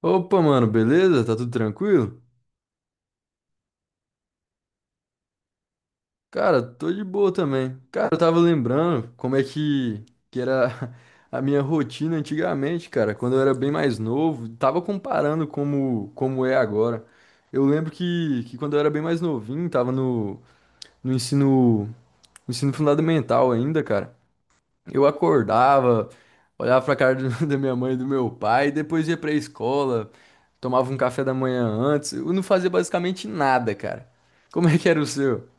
Opa, mano, beleza? Tá tudo tranquilo? Cara, tô de boa também. Cara, eu tava lembrando como é que, era a minha rotina antigamente, cara, quando eu era bem mais novo. Tava comparando como, é agora. Eu lembro que quando eu era bem mais novinho, tava no, ensino fundamental ainda, cara. Eu acordava, olhava pra cara da minha mãe e do meu pai, depois ia pra escola, tomava um café da manhã antes. Eu não fazia basicamente nada, cara. Como é que era o seu?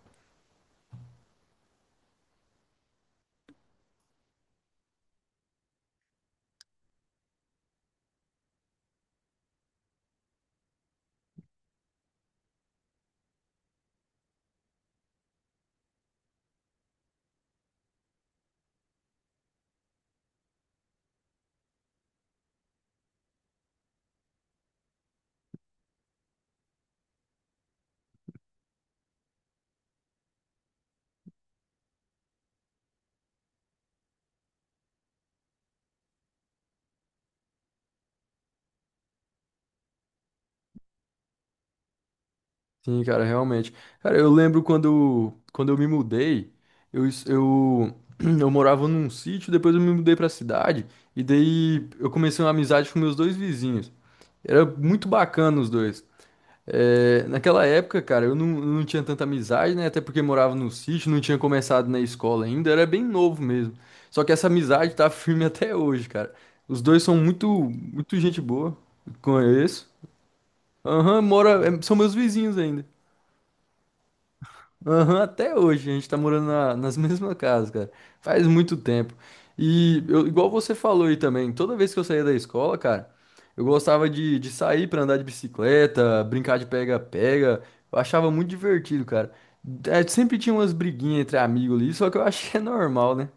Sim, cara, realmente. Cara, eu lembro quando, eu me mudei, eu, es- eu, eu morava num sítio, depois eu me mudei pra cidade, e daí eu comecei uma amizade com meus dois vizinhos. Era muito bacana os dois. É, naquela época, cara, eu não tinha tanta amizade, né? Até porque morava no sítio, não tinha começado na escola ainda, era bem novo mesmo. Só que essa amizade tá firme até hoje, cara. Os dois são muito, muito gente boa, conheço. Aham, mora, é, são meus vizinhos ainda. Aham, até hoje a gente tá morando nas mesmas casas, cara. Faz muito tempo. E eu- igual você falou aí também, toda vez que eu saía da escola, cara, eu gostava de, sair pra andar de bicicleta, brincar de pega-pega. Eu achava muito divertido, cara. É, sempre tinha umas briguinhas entre amigos ali, só que eu acho que é normal, né?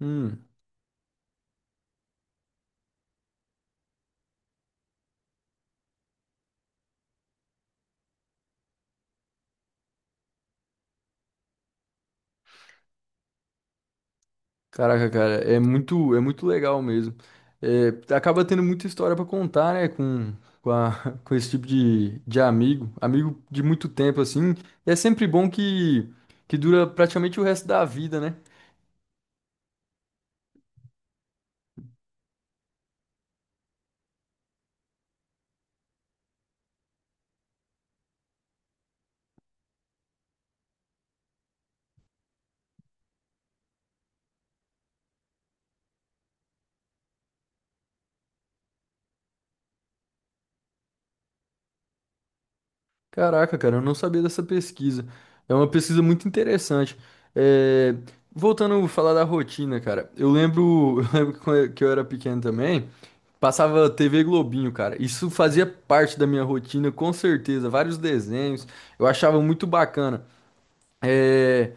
Hum. Caraca, cara, é muito legal mesmo. É, acaba tendo muita história pra contar, né, com, a- com esse tipo de, amigo de muito tempo, assim. E é sempre bom que dura praticamente o resto da vida, né? Caraca, cara, eu não sabia dessa pesquisa. É uma pesquisa muito interessante. É, voltando a falar da rotina, cara, eu lembro, eu lembro que quando eu era pequeno também, passava TV Globinho, cara. Isso fazia parte da minha rotina, com certeza. Vários desenhos, eu achava muito bacana. É,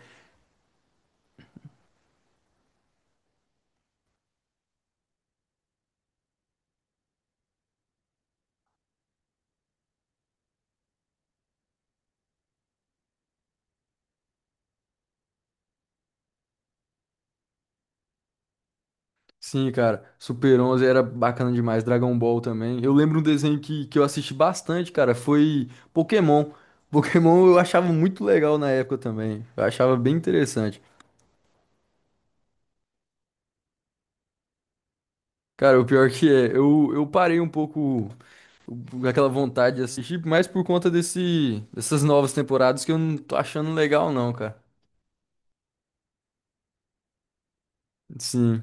sim, cara, Super 11 era bacana demais, Dragon Ball também. Eu lembro um desenho que, eu assisti bastante, cara, foi Pokémon. Pokémon eu achava muito legal na época também. Eu achava bem interessante. Cara, o pior que é, eu parei um pouco aquela vontade de assistir, mais por conta dessas novas temporadas que eu não tô achando legal, não, cara. Sim.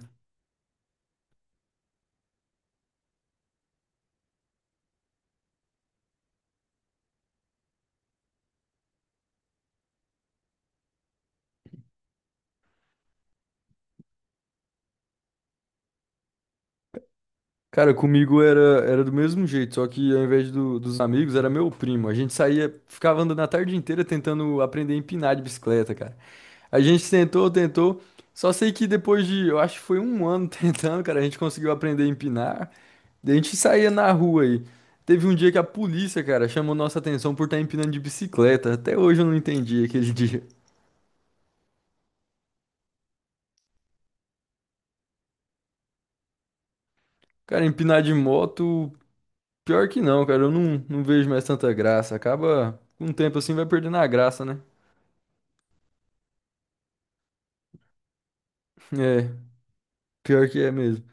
Cara, comigo era do mesmo jeito, só que ao invés dos amigos, era meu primo. A gente saía, ficava andando a tarde inteira tentando aprender a empinar de bicicleta, cara. A gente tentou, tentou, só sei que depois de, eu acho que foi um ano tentando, cara, a gente conseguiu aprender a empinar. Daí a gente saía na rua aí. Teve um dia que a polícia, cara, chamou nossa atenção por estar empinando de bicicleta. Até hoje eu não entendi aquele dia. Cara, empinar de moto, pior que não, cara, eu não, vejo mais tanta graça. Acaba, com o tempo assim, vai perdendo a graça, né? É, pior que é mesmo.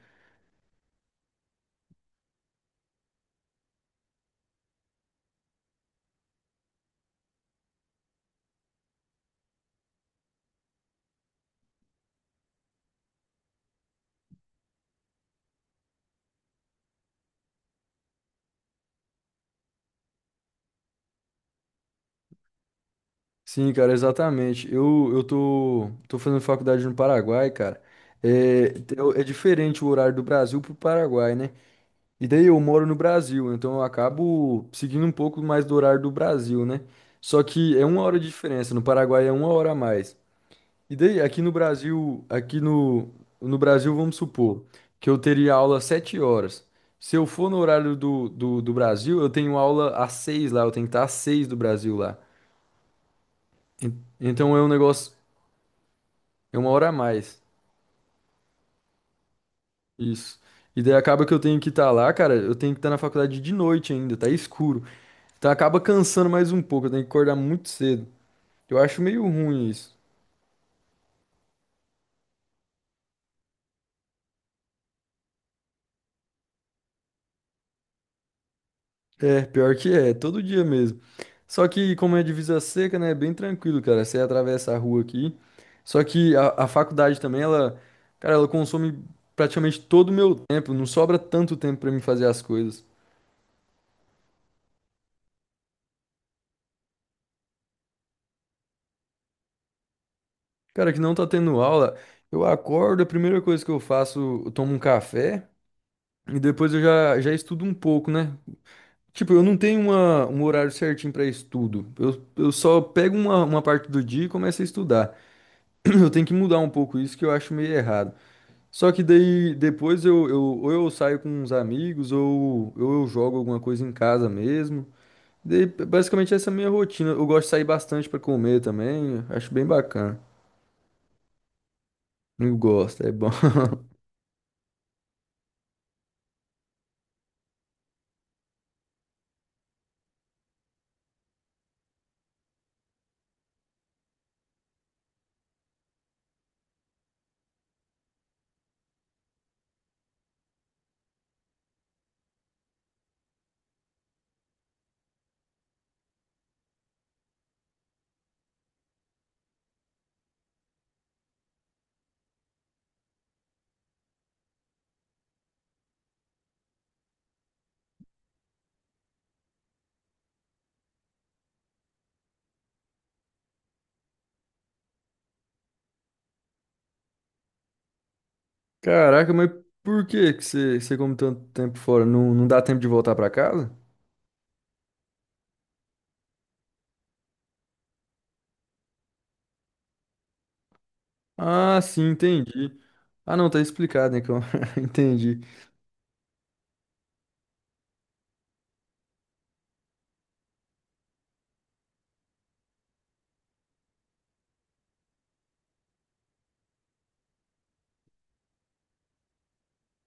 Sim, cara, exatamente. Eu tô fazendo faculdade no Paraguai, cara. É, é diferente o horário do Brasil pro Paraguai, né? E daí eu moro no Brasil, então eu acabo seguindo um pouco mais do horário do Brasil, né? Só que é uma hora de diferença, no Paraguai é uma hora a mais. E daí, aqui no Brasil, aqui no, Brasil, vamos supor que eu teria aula às 7 horas. Se eu for no horário do Brasil, eu tenho aula às 6 lá, eu tenho que estar às 6 do Brasil lá. Então é um negócio, é uma hora a mais. Isso. E daí acaba que eu tenho que estar lá, cara, eu tenho que estar na faculdade de noite ainda, tá escuro. Então acaba cansando mais um pouco, eu tenho que acordar muito cedo. Eu acho meio ruim isso. É, pior que é, todo dia mesmo. Só que como é divisa seca, né, é bem tranquilo, cara, você atravessa a rua aqui. Só que a faculdade também, ela, cara, ela consome praticamente todo o meu tempo, não sobra tanto tempo pra mim fazer as coisas. Cara, que não tá tendo aula, eu acordo, a primeira coisa que eu faço, eu tomo um café e depois eu já, já estudo um pouco, né? Tipo, eu não tenho uma, um horário certinho pra estudo. Eu só pego uma parte do dia e começo a estudar. Eu tenho que mudar um pouco isso que eu acho meio errado. Só que daí depois eu ou eu saio com uns amigos ou, eu jogo alguma coisa em casa mesmo. Daí, basicamente essa é a minha rotina. Eu gosto de sair bastante pra comer também, acho bem bacana. Eu gosto, é bom. Caraca, mas por que que você come tanto tempo fora? Não, não dá tempo de voltar pra casa? Ah, sim, entendi. Ah, não, tá explicado, né? que eu- Entendi.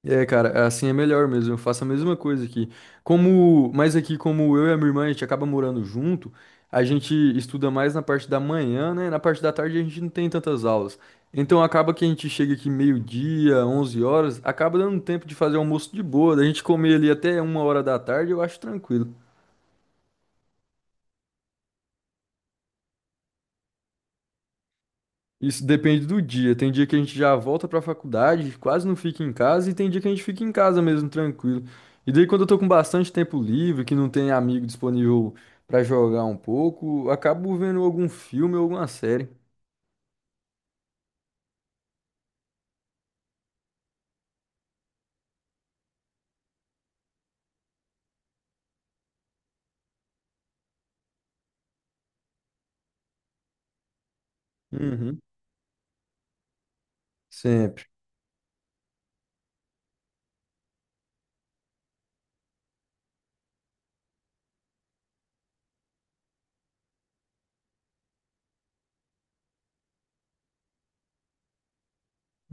É, cara, assim é melhor mesmo. Eu faço a mesma coisa aqui. Como, mas aqui, como eu e a minha irmã, a gente acaba morando junto, a gente estuda mais na parte da manhã, né? Na parte da tarde a gente não tem tantas aulas. Então acaba que a gente chega aqui meio-dia, 11 horas, acaba dando tempo de fazer almoço de boa, da gente comer ali até uma hora da tarde, eu acho tranquilo. Isso depende do dia. Tem dia que a gente já volta pra faculdade, quase não fica em casa, e tem dia que a gente fica em casa mesmo, tranquilo. E daí, quando eu tô com bastante tempo livre, que não tem amigo disponível pra jogar um pouco, acabo vendo algum filme ou alguma série. Uhum. Sempre.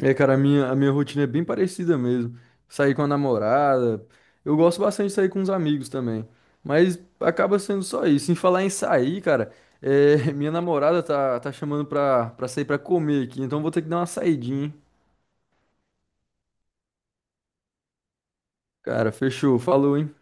É, cara, a minha rotina é bem parecida mesmo. Sair com a namorada. Eu gosto bastante de sair com os amigos também. Mas acaba sendo só isso. Em falar em sair, cara, é, minha namorada tá, chamando pra sair pra comer aqui. Então vou ter que dar uma saidinha, hein? Cara, fechou. Falou, hein?